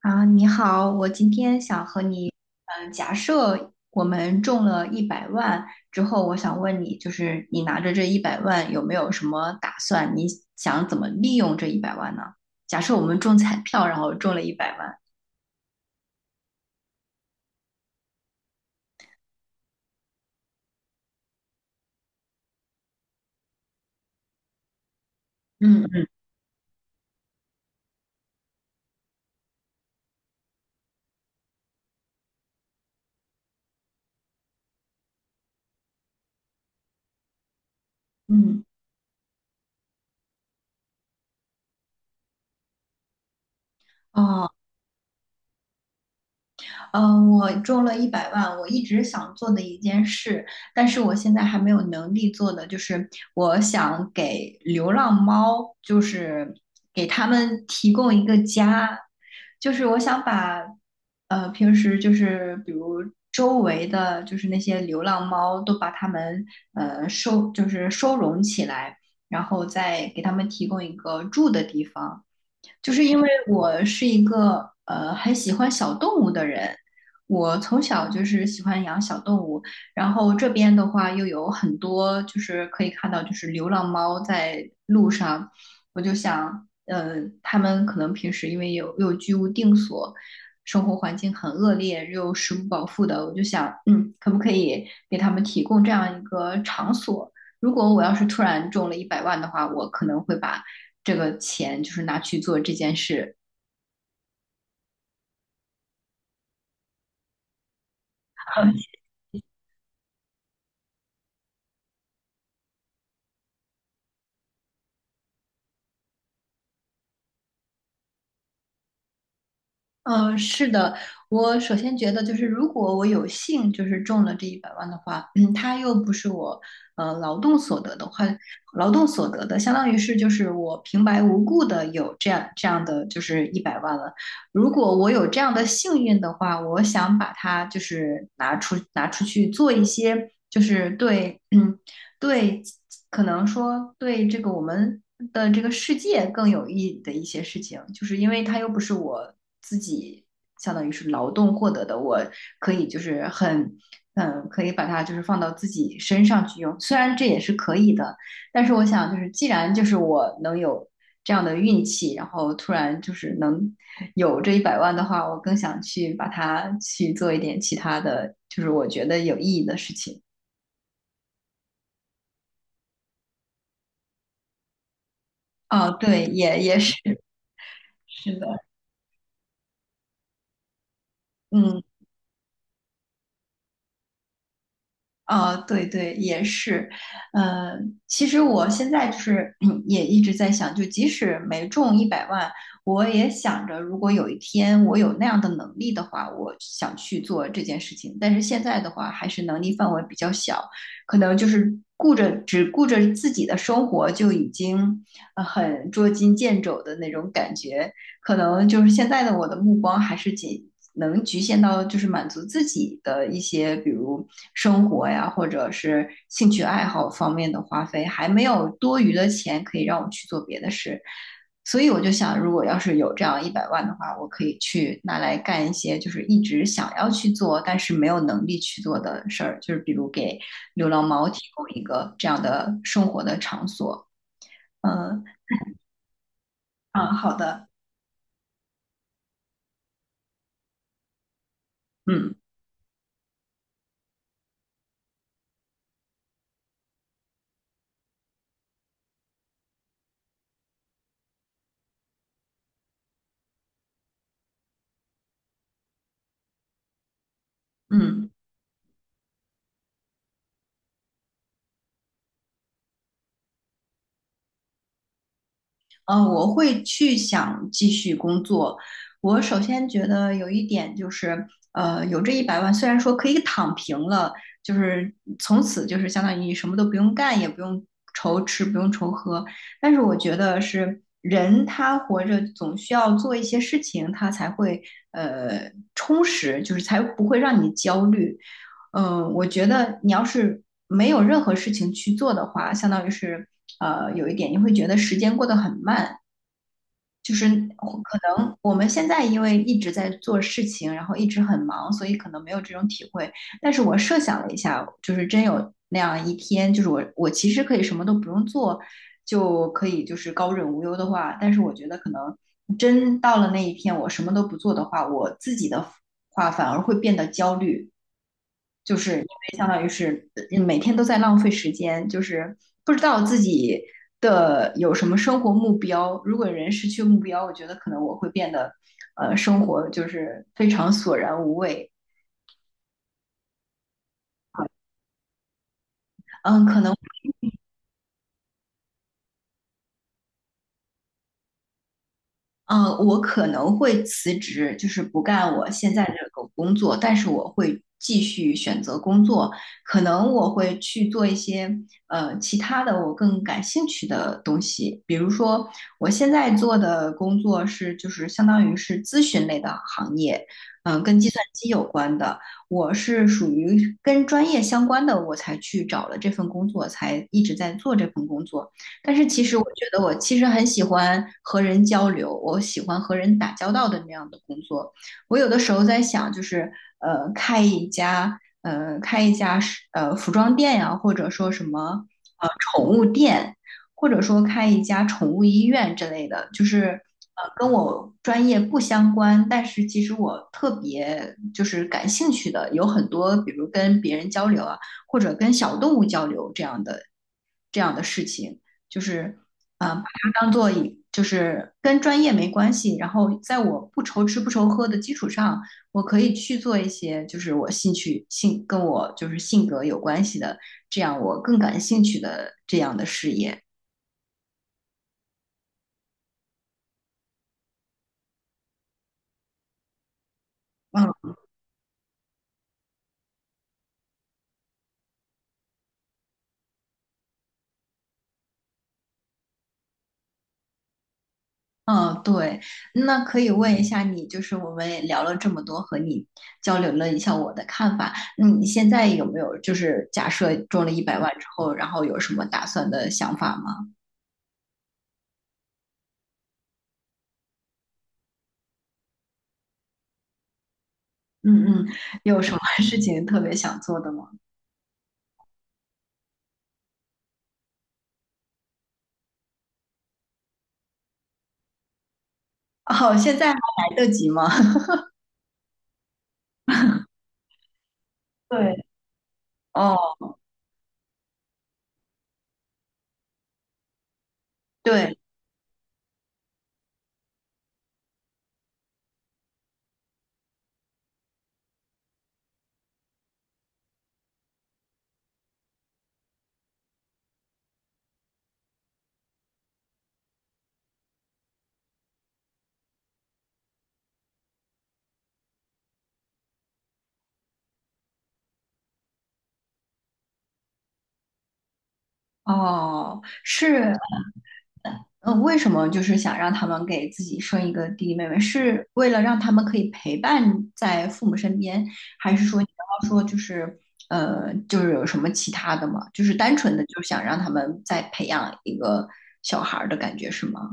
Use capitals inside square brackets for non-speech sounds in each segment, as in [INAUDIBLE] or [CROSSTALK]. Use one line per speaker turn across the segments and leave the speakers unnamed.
啊，你好，我今天想和你，嗯，假设我们中了一百万之后，我想问你，就是你拿着这一百万有没有什么打算？你想怎么利用这一百万呢？假设我们中彩票，然后中了一百万。嗯嗯，嗯哦，嗯，我中了一百万，我一直想做的一件事，但是我现在还没有能力做的，就是我想给流浪猫，就是给他们提供一个家。就是我想把，平时就是比如周围的就是那些流浪猫都把它们就是收容起来，然后再给他们提供一个住的地方。就是因为我是一个很喜欢小动物的人，我从小就是喜欢养小动物，然后这边的话又有很多就是可以看到就是流浪猫在路上。我就想，他们可能平时因为有居无定所，生活环境很恶劣，又食不饱腹的。我就想，嗯，可不可以给他们提供这样一个场所？如果我要是突然中了一百万的话，我可能会把这个钱就是拿去做这件事。嗯、[LAUGHS] 是的，我首先觉得就是如果我有幸就是中了这一百万的话，嗯，它又不是我劳动所得的话，劳动所得的相当于是就是我平白无故的有这样的就是一百万了。如果我有这样的幸运的话，我想把它就是拿出去做一些。就是对，嗯，对，可能说对这个我们的这个世界更有意义的一些事情，就是因为它又不是我自己，相当于是劳动获得的，我可以就是很，嗯，可以把它就是放到自己身上去用，虽然这也是可以的，但是我想就是既然就是我能有这样的运气，然后突然就是能有这一百万的话，我更想去把它去做一点其他的，就是我觉得有意义的事情。哦，对，也是。是的，嗯，啊，对对，也是，呃，其实我现在就是 [CLEARS THROAT]，嗯，也一直在想，就即使没中一百万，我也想着，如果有一天我有那样的能力的话，我想去做这件事情。但是现在的话，还是能力范围比较小，可能就是顾着只顾着自己的生活，就已经很捉襟见肘的那种感觉。可能就是现在的我的目光还是仅能局限到就是满足自己的一些，比如生活呀，或者是兴趣爱好方面的花费，还没有多余的钱可以让我去做别的事。所以我就想，如果要是有这样一百万的话，我可以去拿来干一些就是一直想要去做，但是没有能力去做的事儿，就是比如给流浪猫提供一个这样的生活的场所。嗯，啊，好的，嗯嗯。嗯，我会去想继续工作。我首先觉得有一点就是，有这一百万，虽然说可以躺平了，就是从此就是相当于你什么都不用干，也不用愁吃，不用愁喝，但是我觉得是人他活着总需要做一些事情，他才会充实，就是才不会让你焦虑。嗯、我觉得你要是没有任何事情去做的话，相当于是有一点，你会觉得时间过得很慢。就是可能我们现在因为一直在做事情，然后一直很忙，所以可能没有这种体会。但是我设想了一下，就是真有那样一天，就是我其实可以什么都不用做，就可以就是高枕无忧的话，但是我觉得可能真到了那一天，我什么都不做的话，我自己的话反而会变得焦虑。就是因为相当于是每天都在浪费时间，就是不知道自己的有什么生活目标。如果人失去目标，我觉得可能我会变得，生活就是非常索然无味。嗯，可能嗯，我可能会辞职，就是不干我现在这个工作，但是我会继续选择工作，可能我会去做一些其他的我更感兴趣的东西，比如说我现在做的工作是就是相当于是咨询类的行业，嗯、跟计算机有关的，我是属于跟专业相关的，我才去找了这份工作，才一直在做这份工作。但是其实我觉得我其实很喜欢和人交流，我喜欢和人打交道的那样的工作。我有的时候在想，就是开一家，开一家服装店呀、或者说什么或者说开一家宠物医院之类的，就是跟我专业不相关，但是其实我特别就是感兴趣的，有很多比如跟别人交流啊，或者跟小动物交流这样的事情，就是啊、把它当做就是跟专业没关系，然后在我不愁吃不愁喝的基础上，我可以去做一些就是我兴趣性跟我就是性格有关系的，这样我更感兴趣的这样的事业。嗯嗯，对，那可以问一下你，就是我们也聊了这么多，和你交流了一下我的看法。嗯，你现在有没有就是假设中了一百万之后，然后有什么打算的想法吗？嗯嗯，有什么 [LAUGHS] 事情特别想做的吗？哦，现在还来得及吗？[LAUGHS] 对，哦，对，哦，是，嗯，为什么就是想让他们给自己生一个弟弟妹妹？是为了让他们可以陪伴在父母身边，还是说你刚刚说就是就是有什么其他的吗？就是单纯的就想让他们再培养一个小孩儿的感觉是吗？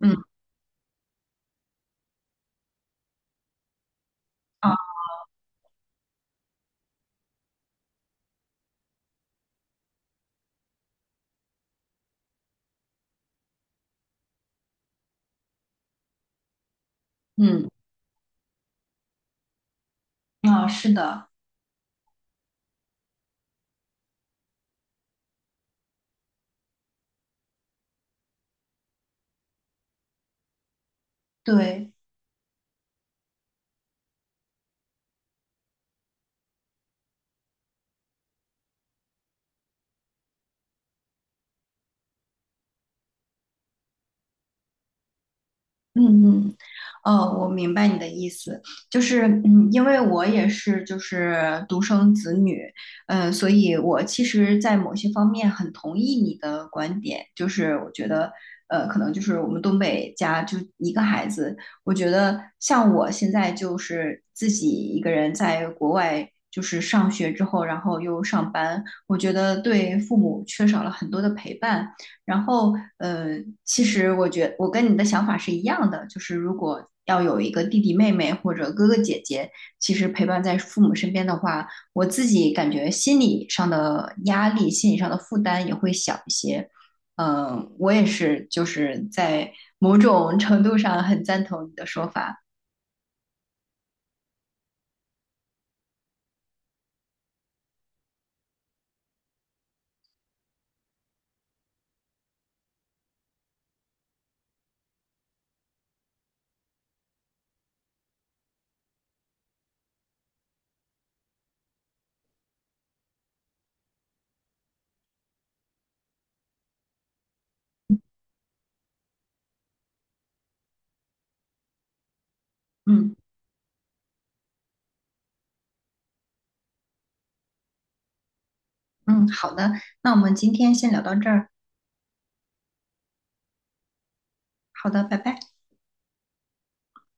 嗯啊，嗯啊，是的，对。嗯嗯，哦，我明白你的意思，就是嗯，因为我也是就是独生子女，嗯、所以我其实，在某些方面很同意你的观点，就是我觉得，可能就是我们东北家就一个孩子，我觉得像我现在就是自己一个人在国外就是上学之后，然后又上班，我觉得对父母缺少了很多的陪伴。然后，呃，其实我觉我跟你的想法是一样的，就是如果要有一个弟弟妹妹或者哥哥姐姐，其实陪伴在父母身边的话，我自己感觉心理上的压力、心理上的负担也会小一些。嗯、我也是，就是在某种程度上很赞同你的说法。嗯嗯，好的，那我们今天先聊到这儿。好的，拜拜。